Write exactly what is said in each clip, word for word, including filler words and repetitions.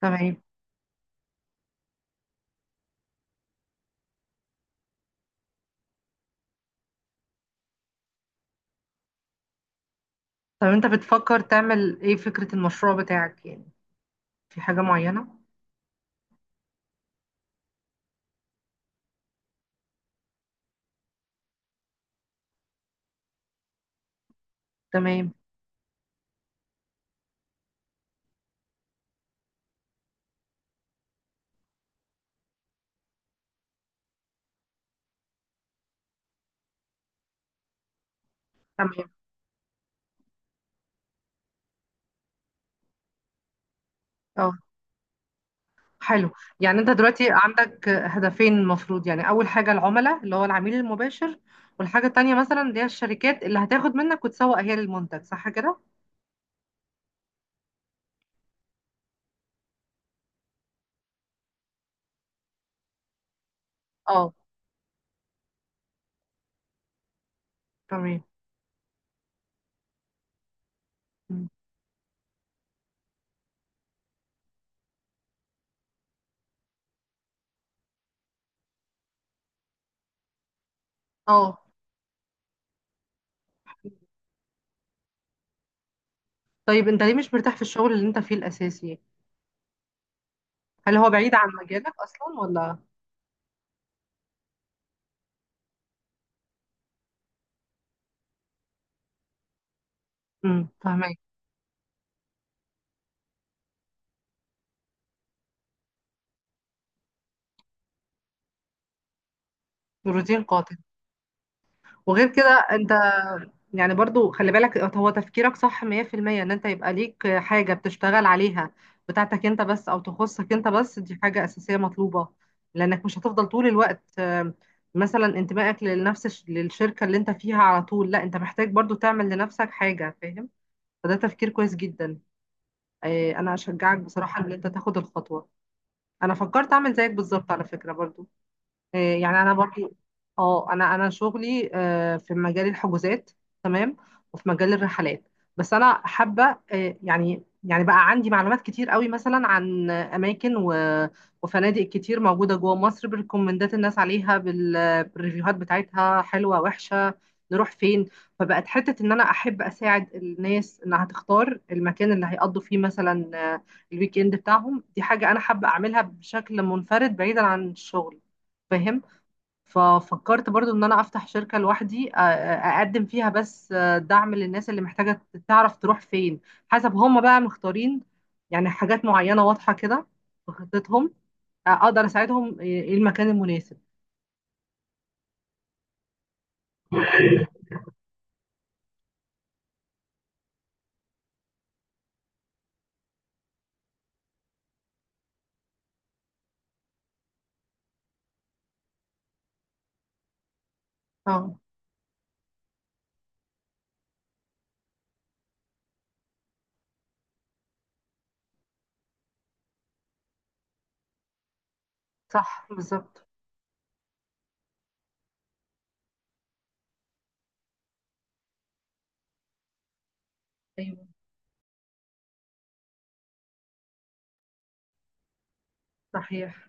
تمام. طب انت بتفكر تعمل ايه فكرة المشروع بتاعك يعني؟ في حاجة معينة؟ تمام، تمام. اه، حلو. يعني انت دلوقتي عندك هدفين، المفروض يعني اول حاجة العملاء، اللي هو العميل المباشر، والحاجة التانية مثلا اللي هي الشركات اللي هتاخد منك وتسوق هي للمنتج، صح كده؟ اه، تمام. مم. اه، طيب انت ليه مش مرتاح في الشغل اللي انت فيه الاساسي يعني؟ هل هو بعيد عن مجالك اصلا ولا؟ امم فاهمك. روتين قاتل. وغير كده انت، يعني برضو خلي بالك، هو تفكيرك صح مية في المية، ان انت يبقى ليك حاجة بتشتغل عليها، بتاعتك انت بس، او تخصك انت بس، دي حاجة اساسية مطلوبة، لانك مش هتفضل طول الوقت آم، مثلا انتمائك لنفس الش- للشركة اللي انت فيها على طول. لا، انت محتاج برضو تعمل لنفسك حاجة، فاهم؟ فده تفكير كويس جدا. آه، انا اشجعك بصراحة ان انت تاخد الخطوة. انا فكرت اعمل زيك بالظبط على فكرة برضو. آه، يعني انا برضو. اه، انا انا شغلي آه، في مجال الحجوزات. تمام. وفي مجال الرحلات. بس انا حابه آه، يعني يعني بقى عندي معلومات كتير قوي مثلا عن اماكن و- وفنادق كتير موجوده جوه مصر، بريكومندات الناس عليها بال- بالريفيوهات بتاعتها، حلوه، وحشه، نروح فين. فبقت حته ان انا احب اساعد الناس انها تختار المكان اللي هيقضوا فيه مثلا، آه، الويك اند بتاعهم. دي حاجه انا حابه اعملها بشكل منفرد بعيدا عن الشغل، فاهم؟ ففكرت برضو ان انا افتح شركة لوحدي، أ- أ- اقدم فيها بس آه، دعم للناس اللي محتاجة تعرف تروح فين، حسب هم بقى مختارين يعني حاجات معينة واضحة كده في خطتهم. آه، اقدر اساعدهم ايه المكان المناسب. اه، صح بالظبط. ايوه، صحيح.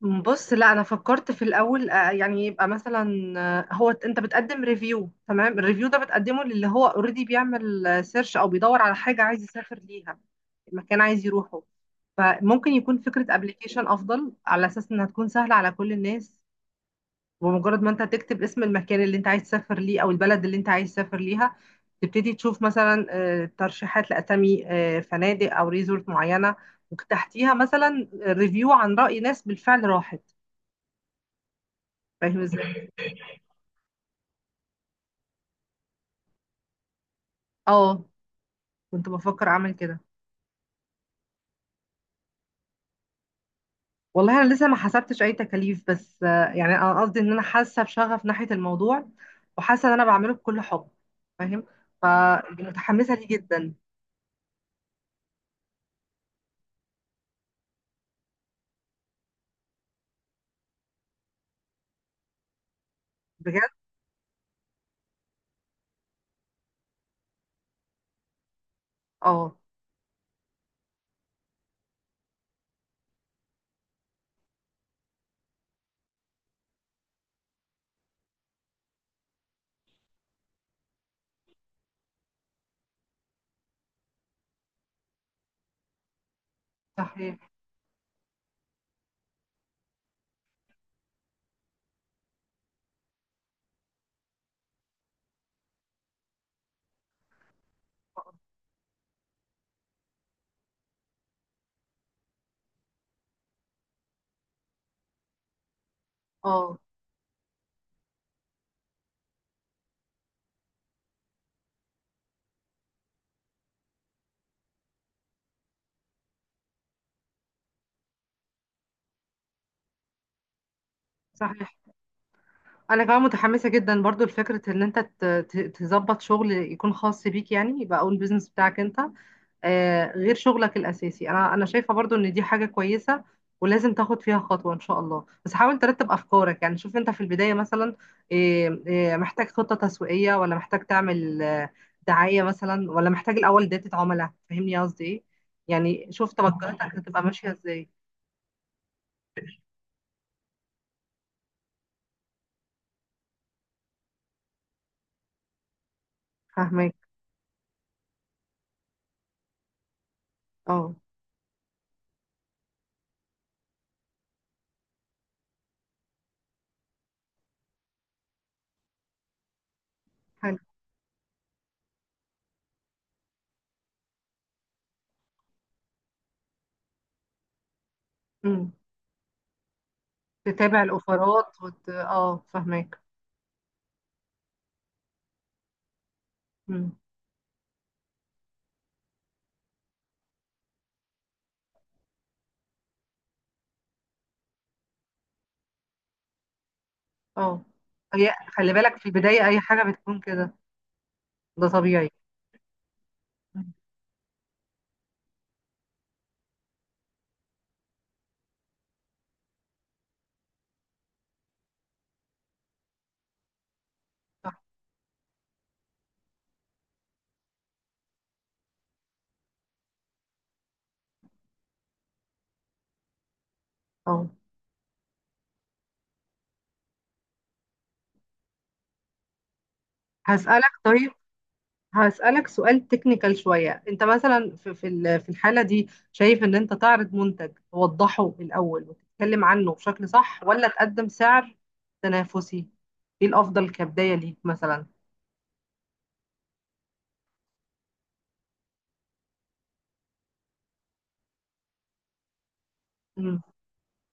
بص، لا انا فكرت في الاول آه، يعني يبقى مثلا، آه، هو انت بتقدم ريفيو، تمام؟ الريفيو ده بتقدمه للي هو اوريدي بيعمل سيرش او بيدور على حاجه عايز يسافر ليها، المكان عايز يروحه. فممكن يكون فكرة ابلكيشن افضل، على اساس انها تكون سهلة على كل الناس. بمجرد ما انت تكتب اسم المكان اللي انت عايز تسافر ليه او البلد اللي انت عايز تسافر ليها، تبتدي تشوف مثلا آه، ترشيحات لاسامي آه، فنادق او ريزورت معينة. وتحتيها مثلا ريفيو عن رأي ناس بالفعل راحت. فاهم ازاي؟ اه، كنت بفكر اعمل كده. والله انا لسه ما حسبتش اي تكاليف، بس آه، يعني انا قصدي ان انا حاسه بشغف ناحيه الموضوع، وحاسه ان انا بعمله بكل حب، فاهم؟ فمتحمسه ليه جدا. بجد. اه، صحيح. اه، صحيح. انا كمان متحمسه جدا برضو لفكره ان انت ت- ت- تظبط شغل يكون خاص بيك، يعني يبقى اول بيزنس بتاعك انت، آه، غير شغلك الأساسي. أنا أنا شايفة برضو إن دي حاجة كويسة، ولازم تاخد فيها خطوة إن شاء الله. بس حاول ترتب أفكارك، يعني شوف أنت في البداية مثلا آه، آه، محتاج خطة تسويقية، ولا محتاج تعمل آه، دعاية مثلا، ولا محتاج الأول داتا عملاء، فاهمني قصدي إيه؟ يعني شوف توجهاتك هتبقى ماشية إزاي. فاهمك. أه، حلو. أمم. تتابع الأوفرات وت... أه، فاهمك. أمم. أه، هي- خلي بالك في البداية أي حاجة بتكون كده، ده طبيعي. مم. صح. أه، هسألك طيب. هسألك سؤال تكنيكال شوية، انت مثلا في في ال- في الحالة دي شايف ان انت تعرض منتج توضحه الأول وتتكلم عنه بشكل صح، ولا تقدم سعر تنافسي؟ ايه الأفضل كبداية ليك مثلا؟ مم.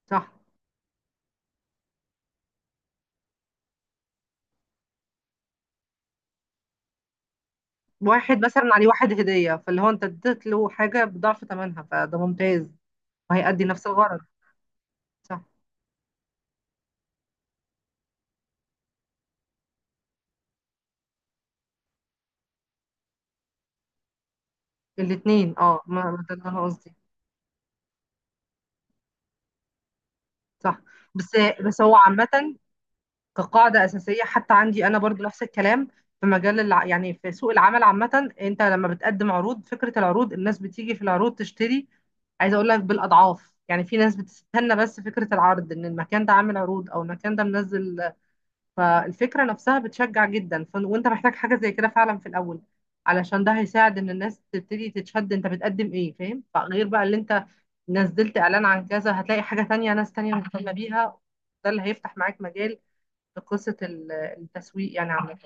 صح. واحد مثلا عليه واحد هدية، فاللي هو انت اديت له حاجة بضعف ثمنها، فده ممتاز. وهيأدي نفس الغرض. صح، الاتنين. اه، ما ما ده اللي انا قصدي. صح. بس بس هو عامة كقاعدة أساسية، حتى عندي أنا برضو نفس الكلام. في مجال الع... يعني في سوق العمل عامة، أنت لما بتقدم عروض، فكرة العروض الناس بتيجي في العروض تشتري. عايزة أقول لك بالأضعاف. يعني في ناس بتستنى بس فكرة العرض، إن المكان ده عامل عروض أو المكان ده منزل. فالفكرة نفسها بتشجع جدا. ف... وأنت محتاج حاجة زي كده فعلا في الأول، علشان ده هيساعد إن الناس تبتدي تتشد. أنت بتقدم إيه، فاهم؟ فغير بقى اللي أنت نزلت إعلان عن كذا، هتلاقي حاجة تانية، ناس تانية مهتمة بيها. ده اللي هيفتح معاك مجال لقصة ال- التسويق، يعني عامة.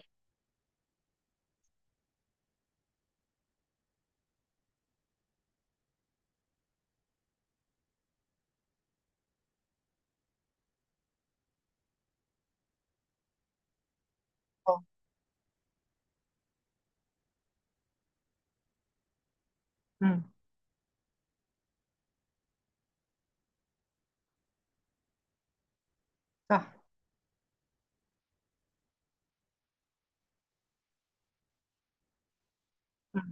اه. مم. صح. مم.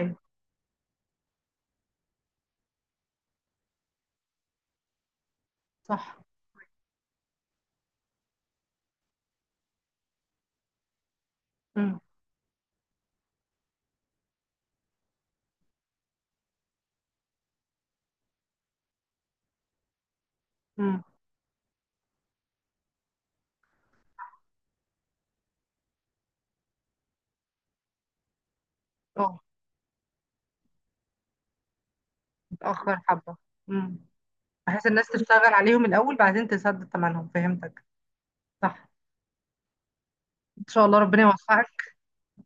أيوة. صح. مم. مم. اه، متأخر حبة. مم. بحيث الناس تشتغل عليهم الأول بعدين تسدد ثمنهم، فهمتك. صح. إن شاء الله ربنا يوفقك.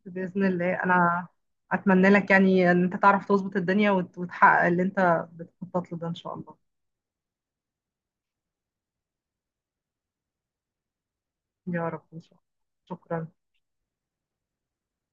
بإذن الله. أنا أتمنى لك يعني إن أنت تعرف تظبط الدنيا، وت- وتحقق اللي أنت بتخطط له ده إن شاء الله. يا رب، إن شاء الله. شكرا.